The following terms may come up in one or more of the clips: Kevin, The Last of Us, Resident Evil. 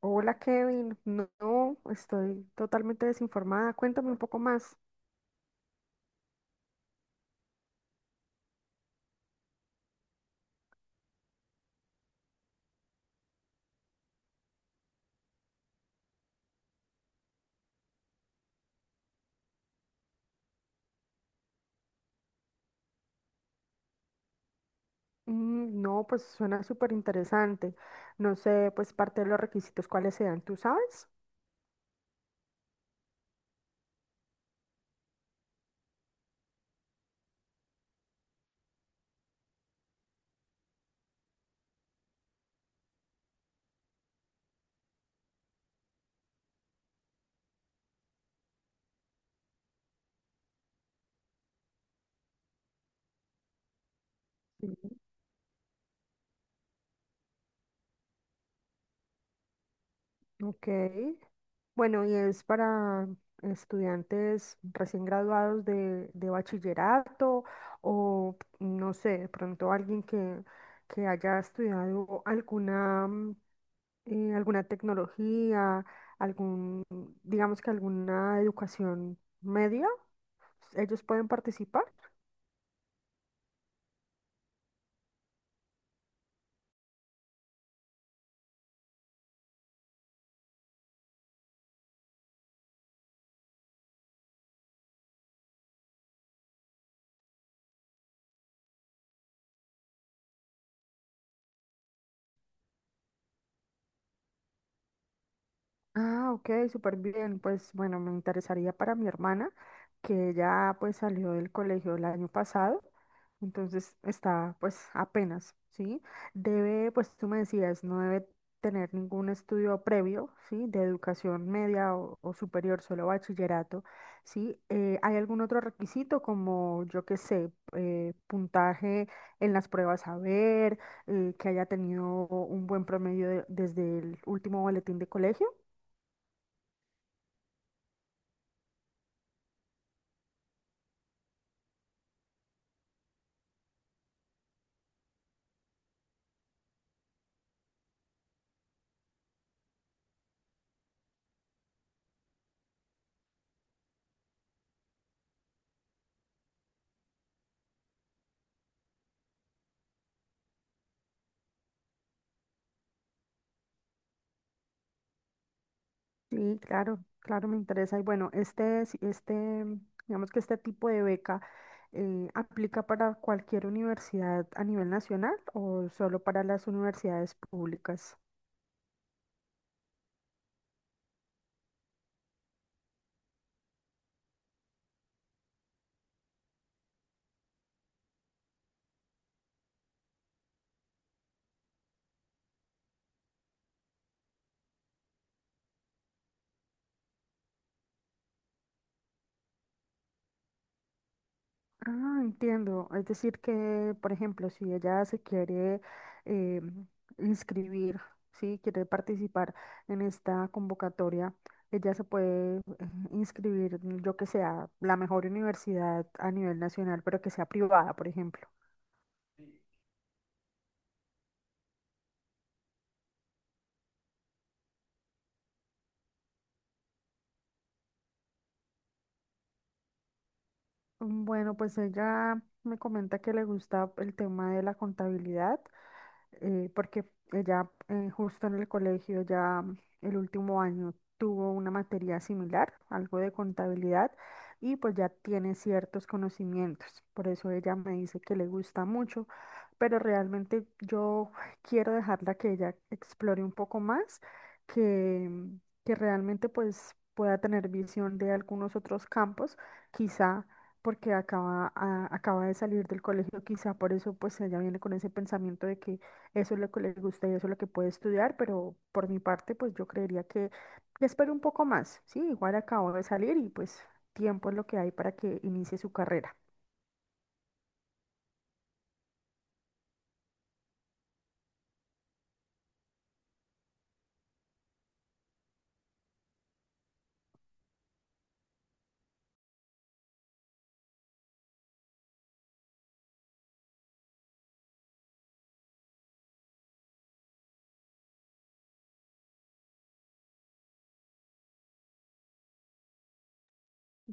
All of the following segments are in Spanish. Hola Kevin, no, estoy totalmente desinformada. Cuéntame un poco más. Mm, no, pues suena súper interesante. No sé, pues parte de los requisitos cuáles sean, ¿tú sabes? Mm. Ok. Bueno, y es para estudiantes recién graduados de bachillerato o no sé, de pronto alguien que haya estudiado alguna alguna tecnología, algún, digamos que alguna educación media, ellos pueden participar. Ah, ok, súper bien. Pues bueno, me interesaría para mi hermana, que ya pues salió del colegio el año pasado, entonces está pues apenas, ¿sí? Debe, pues tú me decías, no debe tener ningún estudio previo, ¿sí? De educación media o superior, solo bachillerato, ¿sí? ¿Hay algún otro requisito como, yo qué sé, puntaje en las pruebas a ver, que haya tenido un buen promedio desde el último boletín de colegio? Sí, claro, claro, me interesa. Y bueno, este, digamos que este tipo de beca aplica para cualquier universidad a nivel nacional o solo para las universidades públicas. Ah, entiendo. Es decir que, por ejemplo, si ella se quiere eh, inscribir, sí, quiere participar en esta convocatoria, ella se puede inscribir, yo que sea, la mejor universidad a nivel nacional, pero que sea privada, por ejemplo. Bueno, pues ella me comenta que le gusta el tema de la contabilidad porque ella justo en el colegio ya el último año tuvo una materia similar, algo de contabilidad, y pues ya tiene ciertos conocimientos. Por eso ella me dice que le gusta mucho, pero realmente yo quiero dejarla que ella explore un poco más, que, que realmente pues pueda tener visión de algunos otros campos, quizá porque acaba de salir del colegio, quizá por eso pues ella viene con ese pensamiento de que eso es lo que le gusta y eso es lo que puede estudiar, pero por mi parte, pues yo creería que le espero un poco más, ¿sí? Igual acabo de salir y pues tiempo es lo que hay para que inicie su carrera.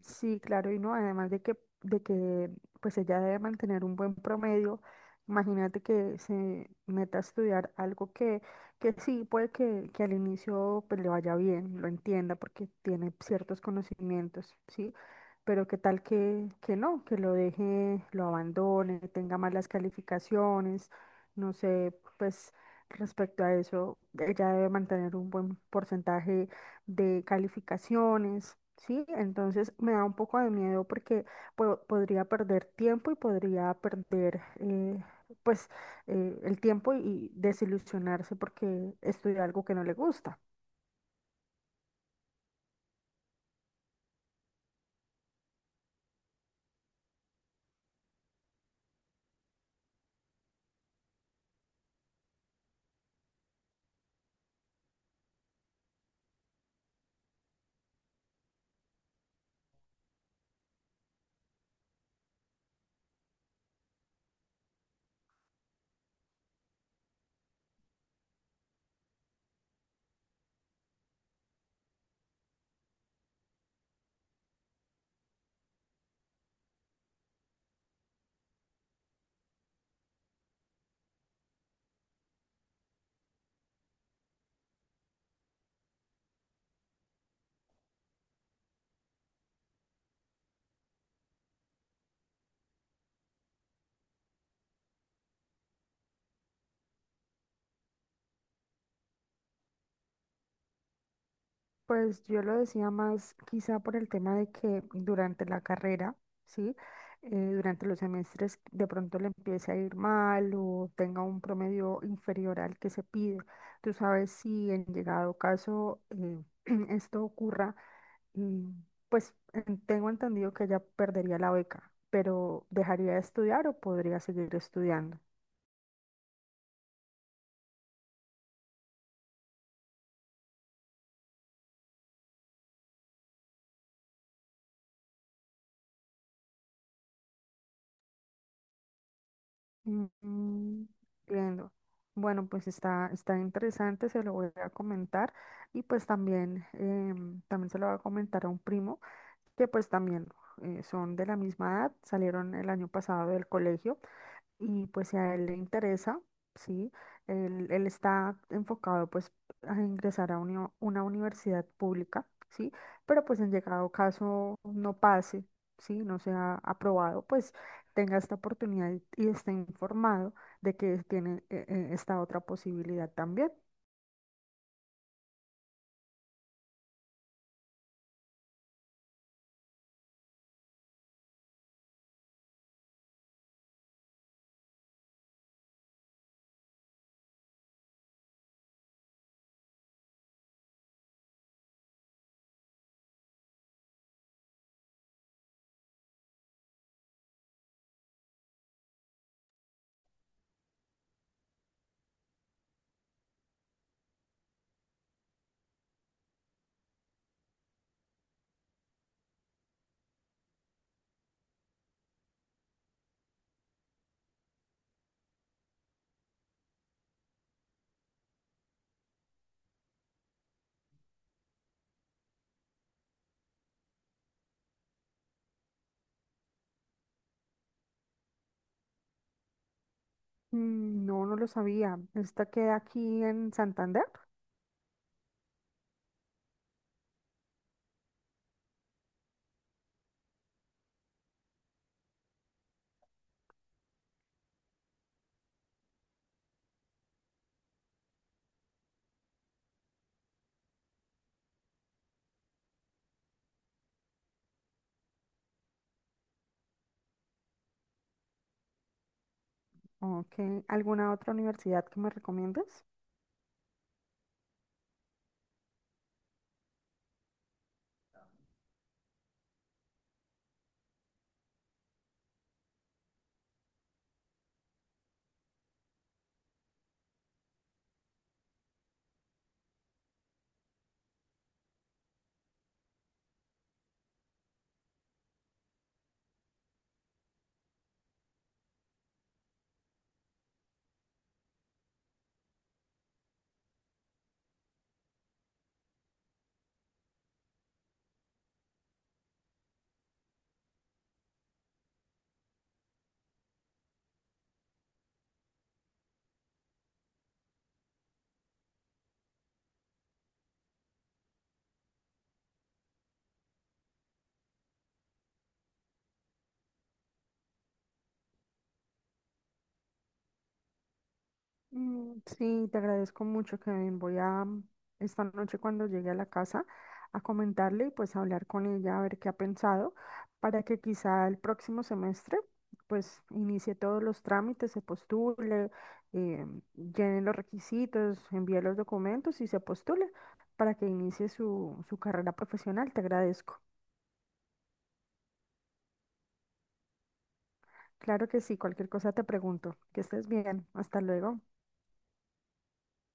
Sí, claro, y no, además de que pues ella debe mantener un buen promedio, imagínate que se meta a estudiar algo que sí, puede que al inicio pues le vaya bien, lo entienda porque tiene ciertos conocimientos, ¿sí? Pero qué tal que no, que lo deje, lo abandone, tenga malas calificaciones, no sé, pues respecto a eso, ella debe mantener un buen porcentaje de calificaciones, ¿sí? Entonces me da un poco de miedo porque podría perder tiempo y podría perder, pues, el tiempo y desilusionarse porque estudia algo que no le gusta. Pues yo lo decía más quizá por el tema de que durante la carrera, ¿sí? Durante los semestres de pronto le empiece a ir mal o tenga un promedio inferior al que se pide. Tú sabes si en llegado caso esto ocurra, y pues tengo entendido que ella perdería la beca, pero ¿dejaría de estudiar o podría seguir estudiando? Mm, entiendo. Bueno, pues está, está interesante, se lo voy a comentar y pues también, también se lo voy a comentar a un primo que pues también son de la misma edad, salieron el año pasado del colegio. Y pues si a él le interesa, sí, él está enfocado pues a ingresar a una universidad pública, sí, pero pues en llegado caso no pase, sí, no sea aprobado, pues tenga esta oportunidad y esté informado de que tiene esta otra posibilidad también. Mm. No, no lo sabía. ¿Esta queda aquí en Santander? ¿O qué- alguna otra universidad que me recomiendes? Mm, sí, te agradezco mucho, Kevin. Voy a esta noche cuando llegue a la casa a comentarle y pues hablar con ella a ver qué ha pensado para que quizá el próximo semestre pues inicie todos los trámites, se postule, eh, llene los requisitos, envíe los documentos y se postule para que inicie su, su carrera profesional. Te agradezco. Claro que sí, cualquier cosa te pregunto. Que estés bien. Hasta luego.